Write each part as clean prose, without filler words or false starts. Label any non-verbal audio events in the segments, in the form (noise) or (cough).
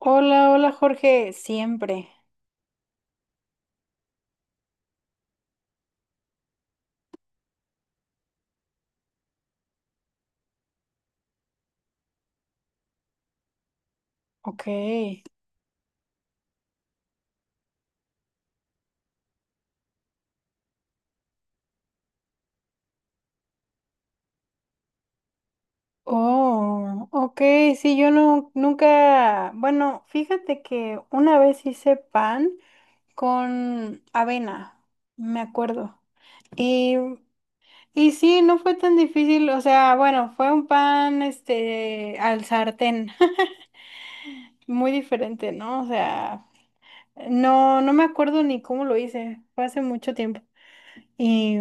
Hola, hola Jorge, siempre. Ok. Oh, ok, sí, yo no, nunca, bueno, fíjate que una vez hice pan con avena, me acuerdo. Y, y sí, no fue tan difícil, o sea, bueno, fue un pan, al sartén, (laughs) muy diferente, ¿no? O sea, no, no me acuerdo ni cómo lo hice, fue hace mucho tiempo. Y,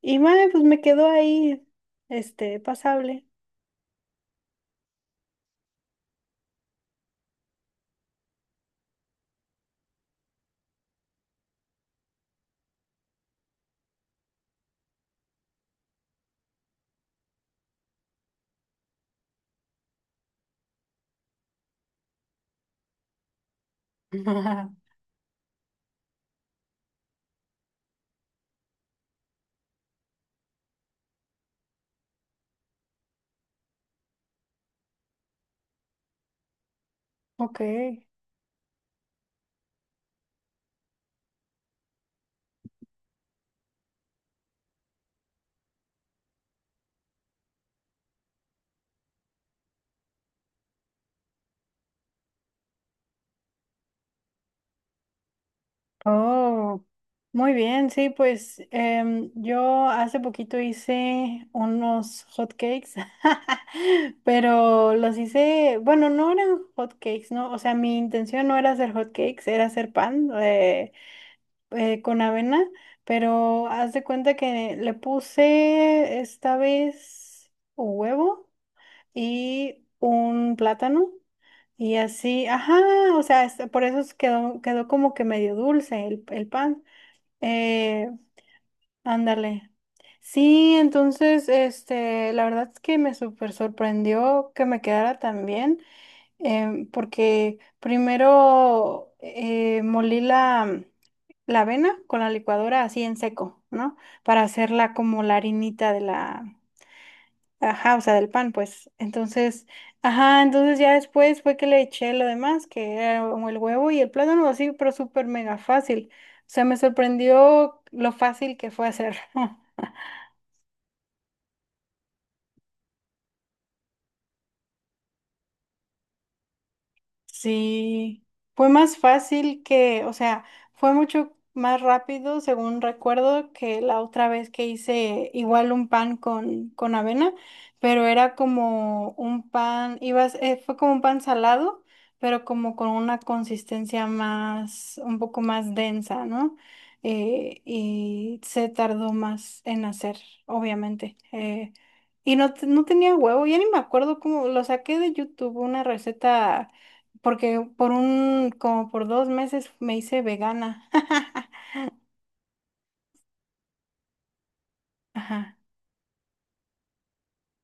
y bueno, pues me quedó ahí, pasable. (laughs) Ok. Oh, muy bien. Sí, pues yo hace poquito hice unos hot cakes, (laughs) pero los hice, bueno, no eran hot cakes, ¿no? O sea, mi intención no era hacer hot cakes, era hacer pan con avena, pero haz de cuenta que le puse esta vez huevo y un plátano. Y así, ajá, o sea, por eso quedó como que medio dulce el pan. Eh, Ándale. Sí, entonces, la verdad es que me súper sorprendió que me quedara tan bien, porque primero molí la avena con la licuadora así en seco, ¿no? Para hacerla como la harinita de la, ajá, o sea, del pan, pues. Entonces, ajá, entonces ya después fue que le eché lo demás, que era como el huevo y el plátano, así, pero súper mega fácil. O sea, me sorprendió lo fácil que fue hacer. (laughs) Sí, fue más fácil que, o sea, fue mucho más rápido, según recuerdo, que la otra vez que hice igual un pan con avena, pero era como un pan, fue como un pan salado, pero como con una consistencia más, un poco más densa, ¿no? Y se tardó más en hacer, obviamente. Y no, no tenía huevo, ya ni me acuerdo cómo, lo saqué de YouTube, una receta porque por un, como por 2 meses me hice vegana. (laughs) Ajá.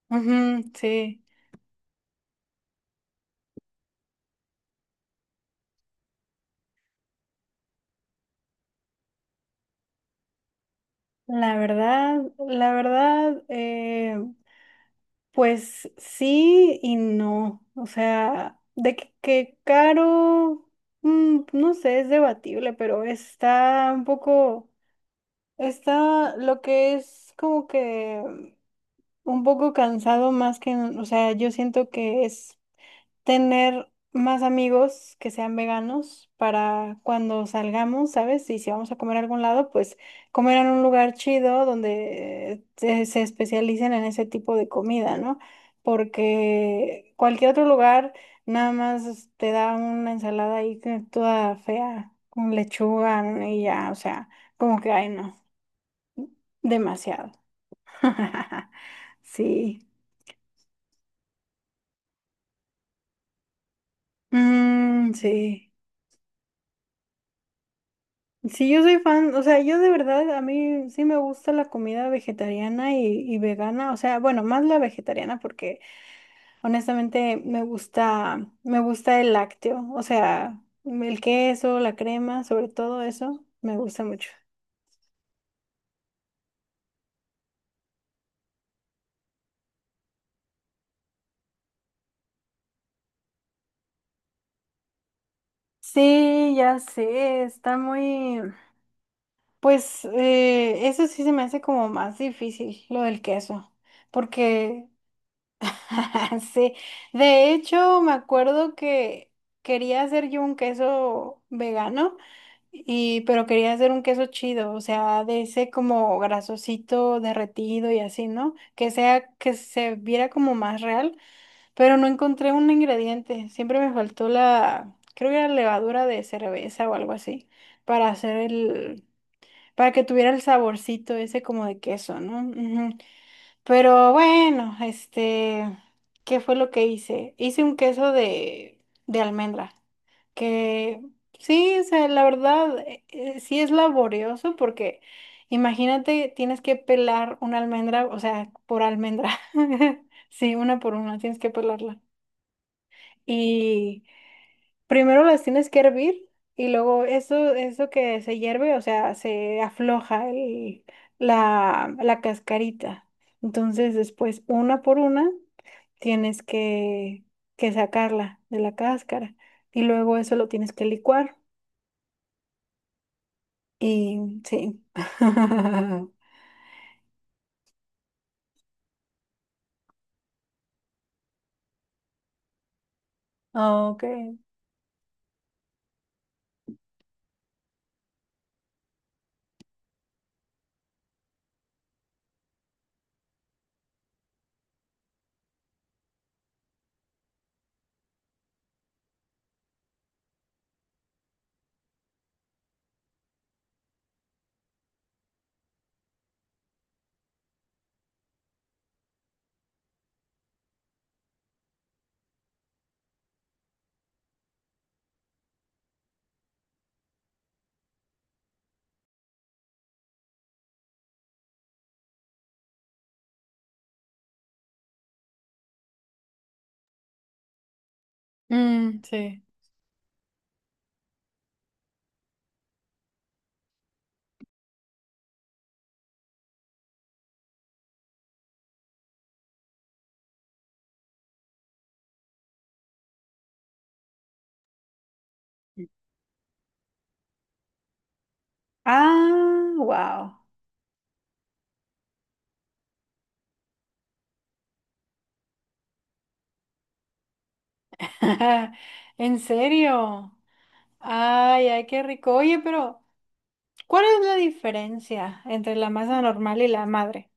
Ujú, sí. La verdad, la verdad, pues sí y no. O sea, de que caro, no sé, es debatible, pero está un poco, está lo que es como que un poco cansado más que, o sea, yo siento que es tener más amigos que sean veganos para cuando salgamos, ¿sabes? Y si vamos a comer a algún lado, pues comer en un lugar chido donde se especialicen en ese tipo de comida, ¿no? Porque cualquier otro lugar nada más te da una ensalada ahí toda fea, con lechuga y ya, o sea, como que, ay, no, demasiado. (laughs) Sí. Mm, sí. Sí, yo soy fan, o sea, yo de verdad, a mí sí me gusta la comida vegetariana y vegana, o sea, bueno, más la vegetariana porque honestamente me gusta el lácteo, o sea, el queso, la crema, sobre todo eso, me gusta mucho. Sí, ya sé, está muy, pues eso sí se me hace como más difícil, lo del queso, porque (laughs) Sí, de hecho me acuerdo que quería hacer yo un queso vegano y pero quería hacer un queso chido, o sea, de ese como grasosito derretido y así, ¿no? Que sea que se viera como más real, pero no encontré un ingrediente, siempre me faltó la creo que era levadura de cerveza o algo así para hacer el para que tuviera el saborcito ese como de queso, ¿no? Ujú. Pero bueno, ¿qué fue lo que hice? Hice un queso de almendra, que sí, o sea, la verdad, sí es laborioso porque imagínate, tienes que pelar una almendra, o sea, por almendra, (laughs) sí, una por una, tienes que pelarla. Primero las tienes que hervir y luego eso que se hierve, o sea, se afloja la cascarita. Entonces después, una por una, tienes que sacarla de la cáscara y luego eso lo tienes que licuar. Y sí. (laughs) Ok. Mm, sí. Ah, wow. (laughs) ¿En serio? Ay, ay, qué rico. Oye, pero... ¿Cuál es la diferencia entre la masa normal y la madre?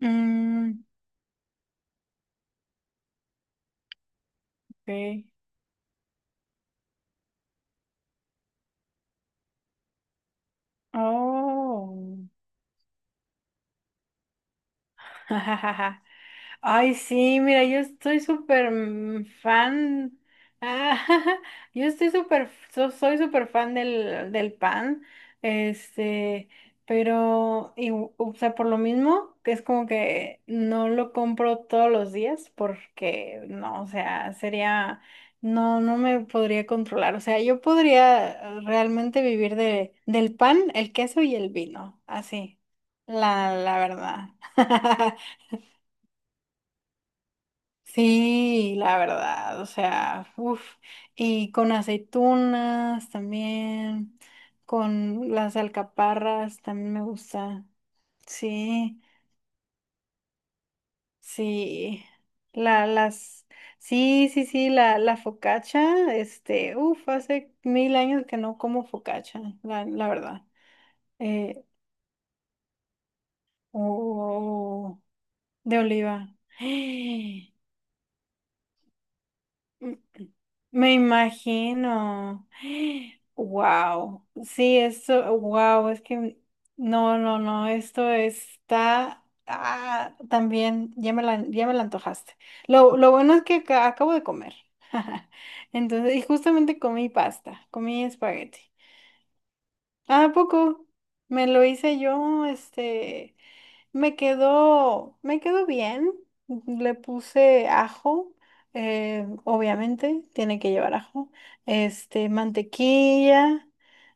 Mm, ok. Oh. (laughs) Jajaja. Ay, sí, mira, yo estoy súper fan. Ah, (laughs) yo estoy súper, soy súper fan del pan. Este, pero, y, o sea, por lo mismo, que es como que no lo compro todos los días porque, no, o sea, sería, no, no me podría controlar. O sea, yo podría realmente vivir de, del pan, el queso y el vino, así, la verdad. (laughs) Sí, la verdad, o sea, uff, y con aceitunas también, con las alcaparras también me gusta, sí, sí, la, las, sí, sí, sí, la focaccia, uff, hace mil años que no como focaccia, la verdad, eh, o de oliva, (gasps) me imagino. (gasps) Wow. Sí, esto, wow, es que no, no, no, esto está ah, también, ya me la, antojaste. Lo bueno es que acabo de comer. (laughs) Entonces, y justamente comí pasta, comí espagueti. ¿A poco? Me lo hice yo. Me quedó bien. Le puse ajo, obviamente, tiene que llevar ajo. Mantequilla,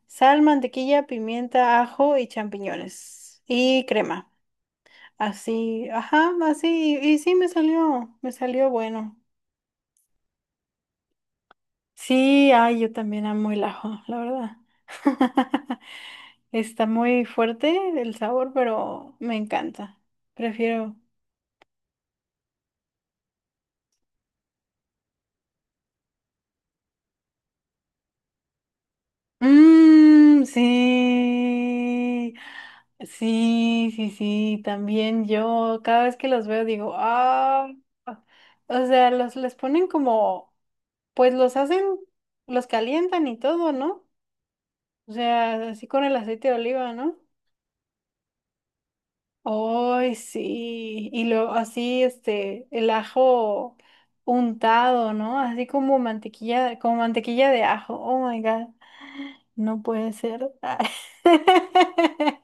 sal, mantequilla, pimienta, ajo y champiñones. Y crema. Así, ajá, así. Y sí, me salió bueno. Sí, ay, yo también amo el ajo, la verdad. (laughs) Está muy fuerte el sabor, pero me encanta. Prefiero. Mm, sí, sí, sí, sí, también yo cada vez que los veo digo, ah, o sea, los les ponen como, pues los hacen, los calientan y todo, ¿no? O sea, así con el aceite de oliva, ¿no? Ay, sí. Y luego así, el ajo untado, ¿no? Así como mantequilla de ajo. Oh my God. No puede ser. (laughs)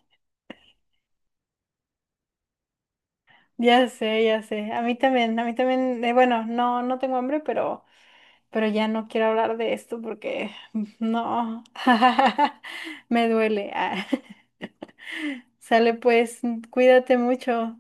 Ya sé, ya sé. A mí también, bueno, no, no tengo hambre, pero, ya no quiero hablar de esto porque no. (laughs) Me duele. Ah. (laughs) Sale pues, cuídate mucho.